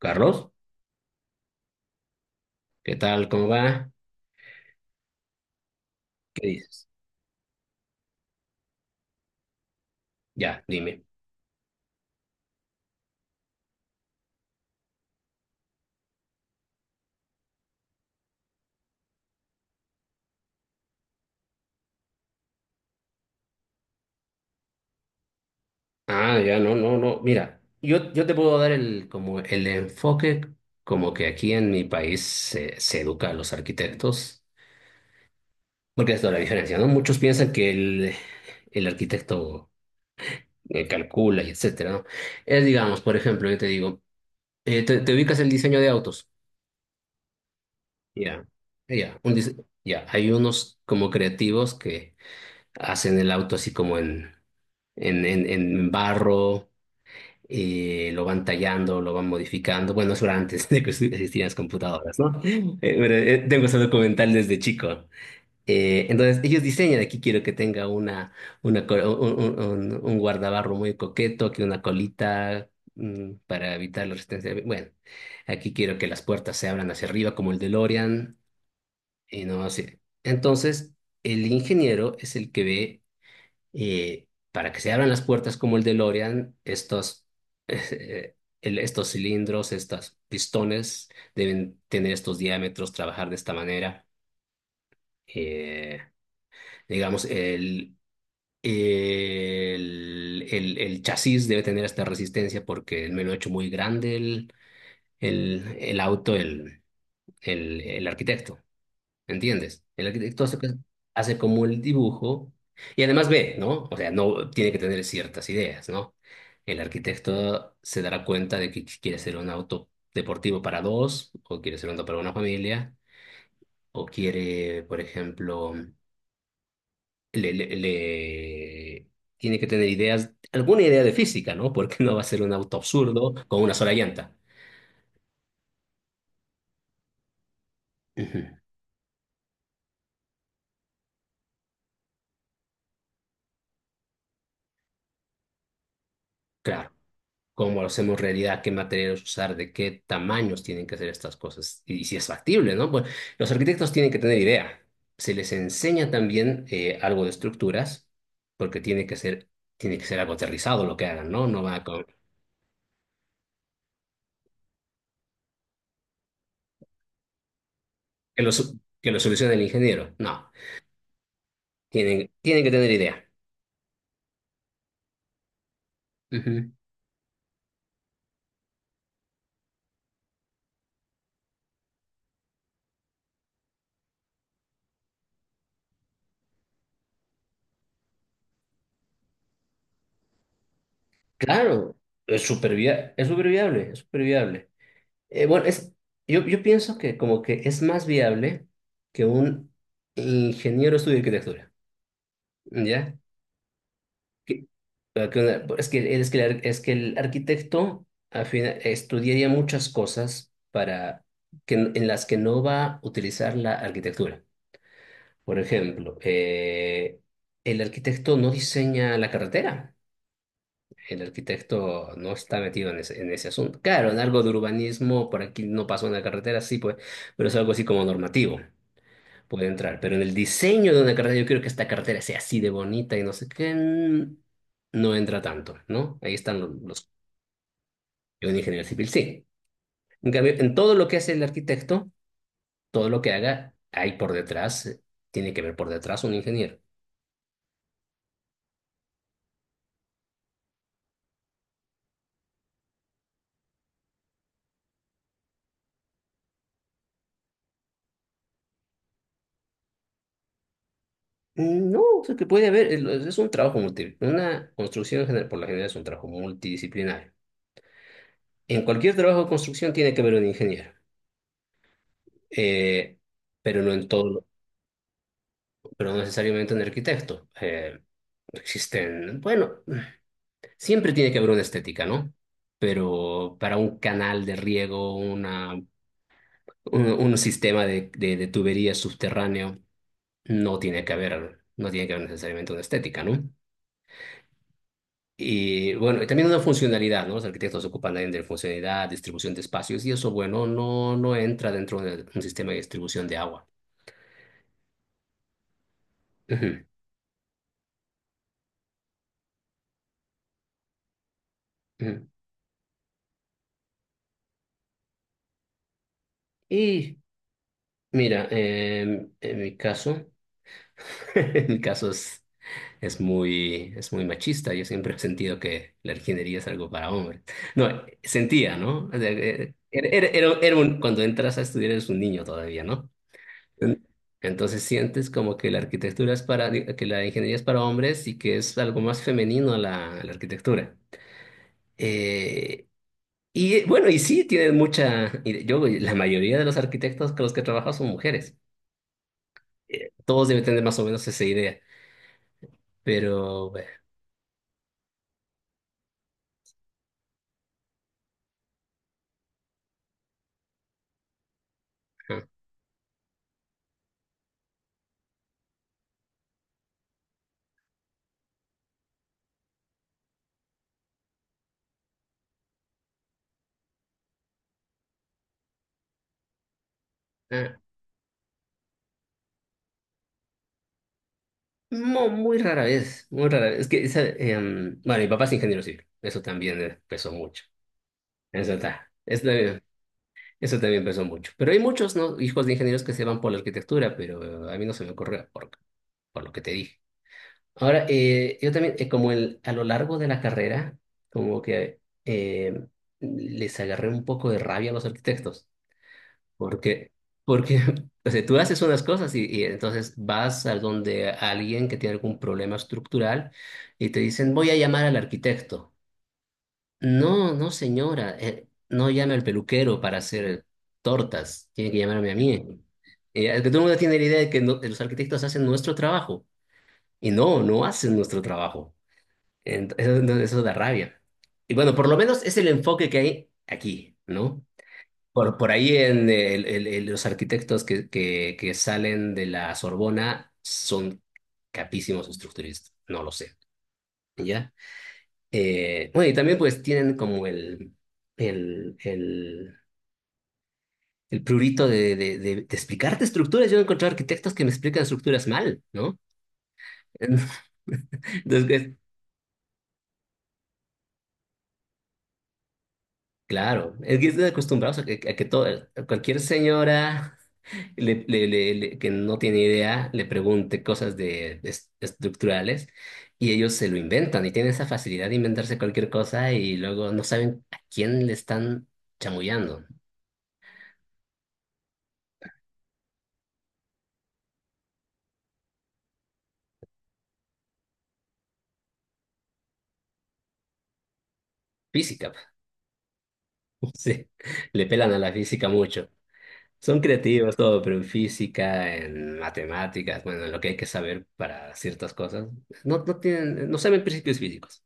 Carlos, ¿qué tal? ¿Cómo va? ¿Qué dices? Ya, dime. Ah, ya, no, no, no. Mira, yo te puedo dar el, como el enfoque como que aquí en mi país se educa a los arquitectos, porque es toda la diferencia, ¿no? Muchos piensan que el arquitecto calcula y etcétera, ¿no? Es, digamos, por ejemplo, yo te digo, te ubicas el diseño de autos. Ya, ya, ya. Hay unos como creativos que hacen el auto así como en barro lo van tallando, lo van modificando. Bueno, eso era antes de que existieran las computadoras, ¿no? Pero, tengo ese documental desde chico. Entonces, ellos diseñan, aquí quiero que tenga una, col- un guardabarro muy coqueto, que una colita para evitar la resistencia. Bueno, aquí quiero que las puertas se abran hacia arriba como el DeLorean y no así. Entonces, el ingeniero es el que ve para que se abran las puertas como el DeLorean, eh, estos cilindros, estos pistones deben tener estos diámetros, trabajar de esta manera. Eh, digamos, el chasis debe tener esta resistencia porque me lo ha hecho muy grande el auto, el arquitecto. ¿Entiendes? El arquitecto hace como el dibujo y además ve, ¿no? O sea, no tiene que tener ciertas ideas, ¿no? El arquitecto se dará cuenta de que quiere hacer un auto deportivo para dos, o quiere hacer un auto para una familia, o quiere, por ejemplo, le, le- le- tiene que tener ideas, alguna idea de física, ¿no? Porque no va a ser un auto absurdo con una sola llanta. Ujú. Claro. Cómo lo hacemos realidad, qué materiales usar, de qué tamaños tienen que ser estas cosas y, si es factible, ¿no? Pues los arquitectos tienen que tener idea. Se les enseña también algo de estructuras, porque tiene que ser algo aterrizado lo que hagan, ¿no? No va con que lo solucione el ingeniero, no. Tienen que tener idea. Ujú. Claro, es súper viable, es súper viable. Bueno, yo pienso que como que es más viable que un ingeniero estudie arquitectura. ¿Ya? Que- eh, que una- es que el arquitecto al final, estudiaría muchas cosas para en las que no va a utilizar la arquitectura. Por ejemplo, el arquitecto no diseña la carretera. El arquitecto no está metido en ese asunto. Claro, en algo de urbanismo, por aquí no pasó una carretera, sí, pues, pero es algo así como normativo. Puede entrar, pero en el diseño de una cartera, yo quiero que esta cartera sea así de bonita y no sé qué, no entra tanto, ¿no? Ahí están los, un ingeniero civil, sí. En cambio, en todo lo que hace el arquitecto, todo lo que haga, hay por detrás, tiene que ver por detrás un ingeniero. Mm, no, o sea, que puede haber, lo- es un trabajo multi, una construcción en general, por la general es un trabajo multidisciplinario. En cualquier trabajo de construcción tiene que haber un ingeniero, eh, pero no en todo, pero no necesariamente un arquitecto. Bueno, siempre tiene que haber una estética, ¿no? Pero para un canal de riego, un sistema de tuberías subterráneo, no tiene que haber necesariamente una estética, ¿no? Y bueno, y también una funcionalidad, ¿no? Los arquitectos se ocupan también de funcionalidad, distribución de espacios, y eso, bueno, no entra dentro de un sistema de distribución de agua. Ujú, ujú. Y mira, en mi caso es muy machista. Yo siempre he sentido que la ingeniería es algo para hombres. No, sentía, ¿no? O sea, Cuando entras a estudiar eres un niño todavía, ¿no? En- entonces sientes como que la arquitectura es para, que la ingeniería es para hombres y que es algo más femenino la arquitectura. Eh, y bueno, y sí, y yo, la mayoría de los arquitectos con los que he trabajado son mujeres. Todos deben tener más o menos esa idea, pero bueno. Ajá. Muy rara vez, muy rara vez. Es que, bueno, mi papá es ingeniero civil, eso también pesó mucho. Eso, está eso también- eso también pesó mucho. Pero hay muchos, ¿no?, hijos de ingenieros que se van por la arquitectura, pero a mí no se me ocurre por lo que te dije. Ahora, yo también, a lo largo de la carrera, como que les agarré un poco de rabia a los arquitectos. Porque, porque, o sea, tú haces unas cosas y, entonces vas a donde alguien que tiene algún problema estructural y te dicen, voy a llamar al arquitecto. No, no, señora, no llame al peluquero para hacer tortas, tiene que llamarme a mí. Es que todo el mundo tiene la idea de que los arquitectos hacen nuestro trabajo y no, no hacen nuestro trabajo. Eso da rabia. Y bueno, por lo menos es el enfoque que hay aquí, ¿no? Por ahí en los arquitectos que salen de la Sorbona son capísimos estructuristas, no lo sé, ¿ya? Bueno, y también pues tienen como el, el, el prurito de explicarte estructuras. Yo he encontrado arquitectos que me explican estructuras mal, ¿no? Entonces, claro, es que están acostumbrados a que todo, cualquier señora, que no tiene idea, le pregunte cosas de, estructurales y ellos se lo inventan y tienen esa facilidad de inventarse cualquier cosa y luego no saben a quién le están chamullando. Física, sí, le pelan a la física mucho. Son creativos todo, pero en física, en matemáticas, bueno, en lo que hay que saber para ciertas cosas, no tienen, no saben principios físicos.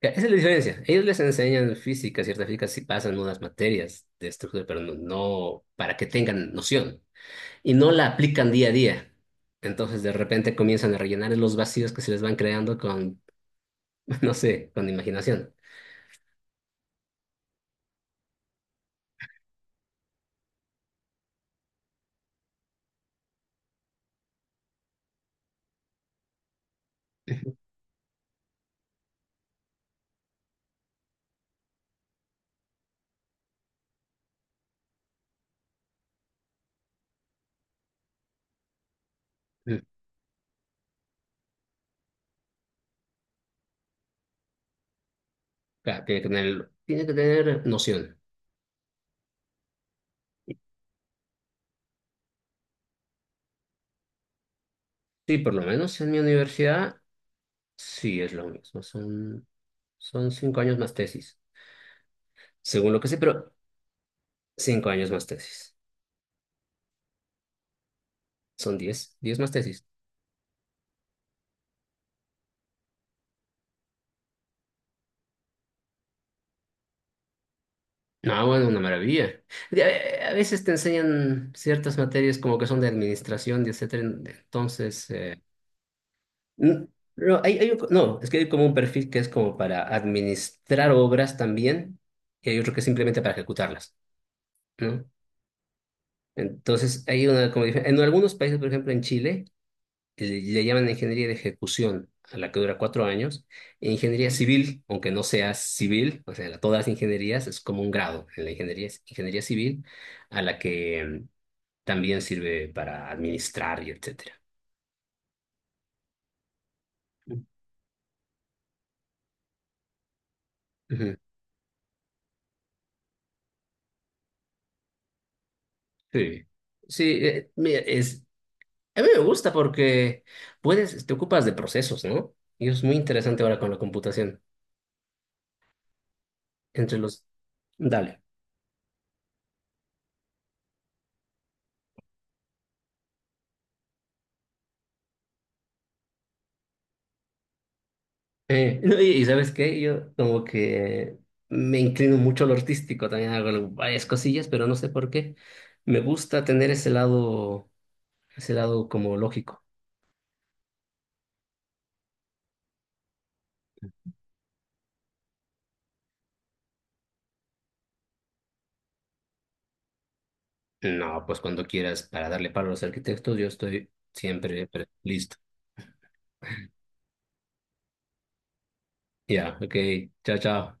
Ya, esa es la diferencia. Ellos les enseñan física, cierta física, sí pasan unas materias de estructura, pero no para que tengan noción. Y no la aplican día a día. Entonces, de repente comienzan a rellenar los vacíos que se les van creando no sé, con imaginación. Ujú. Ujú. Claro, tiene que tener noción. Sí, por lo menos en mi universidad, sí es lo mismo. Son 5 años más tesis. Según lo que sé, pero 5 años más tesis. Son 10, 10 más tesis. No, bueno, una maravilla. De- a veces te enseñan ciertas materias como que son de administración, y etcétera. Entonces, n- no, es que hay como un perfil que es como para administrar obras también, y hay otro que es simplemente para ejecutarlas, ¿no? Entonces, hay una como en algunos países, por ejemplo, en Chile, le llaman ingeniería de ejecución, a la que dura 4 años, e ingeniería civil, aunque no sea civil, o sea, todas las ingenierías es como un grado en la ingeniería, ingeniería civil, a la que también sirve para administrar y etcétera. Ujú. Sí, sí, mira, a mí me gusta porque te ocupas de procesos, ¿no? Y es muy interesante ahora con la computación. Entre los... Dale. No, y ¿sabes qué? Yo como que me inclino mucho a lo artístico, también hago varias cosillas, pero no sé por qué. Me gusta tener ese lado como lógico. No, pues cuando quieras, para darle palo a los arquitectos, yo estoy siempre listo. Ya, ok, chao, chao.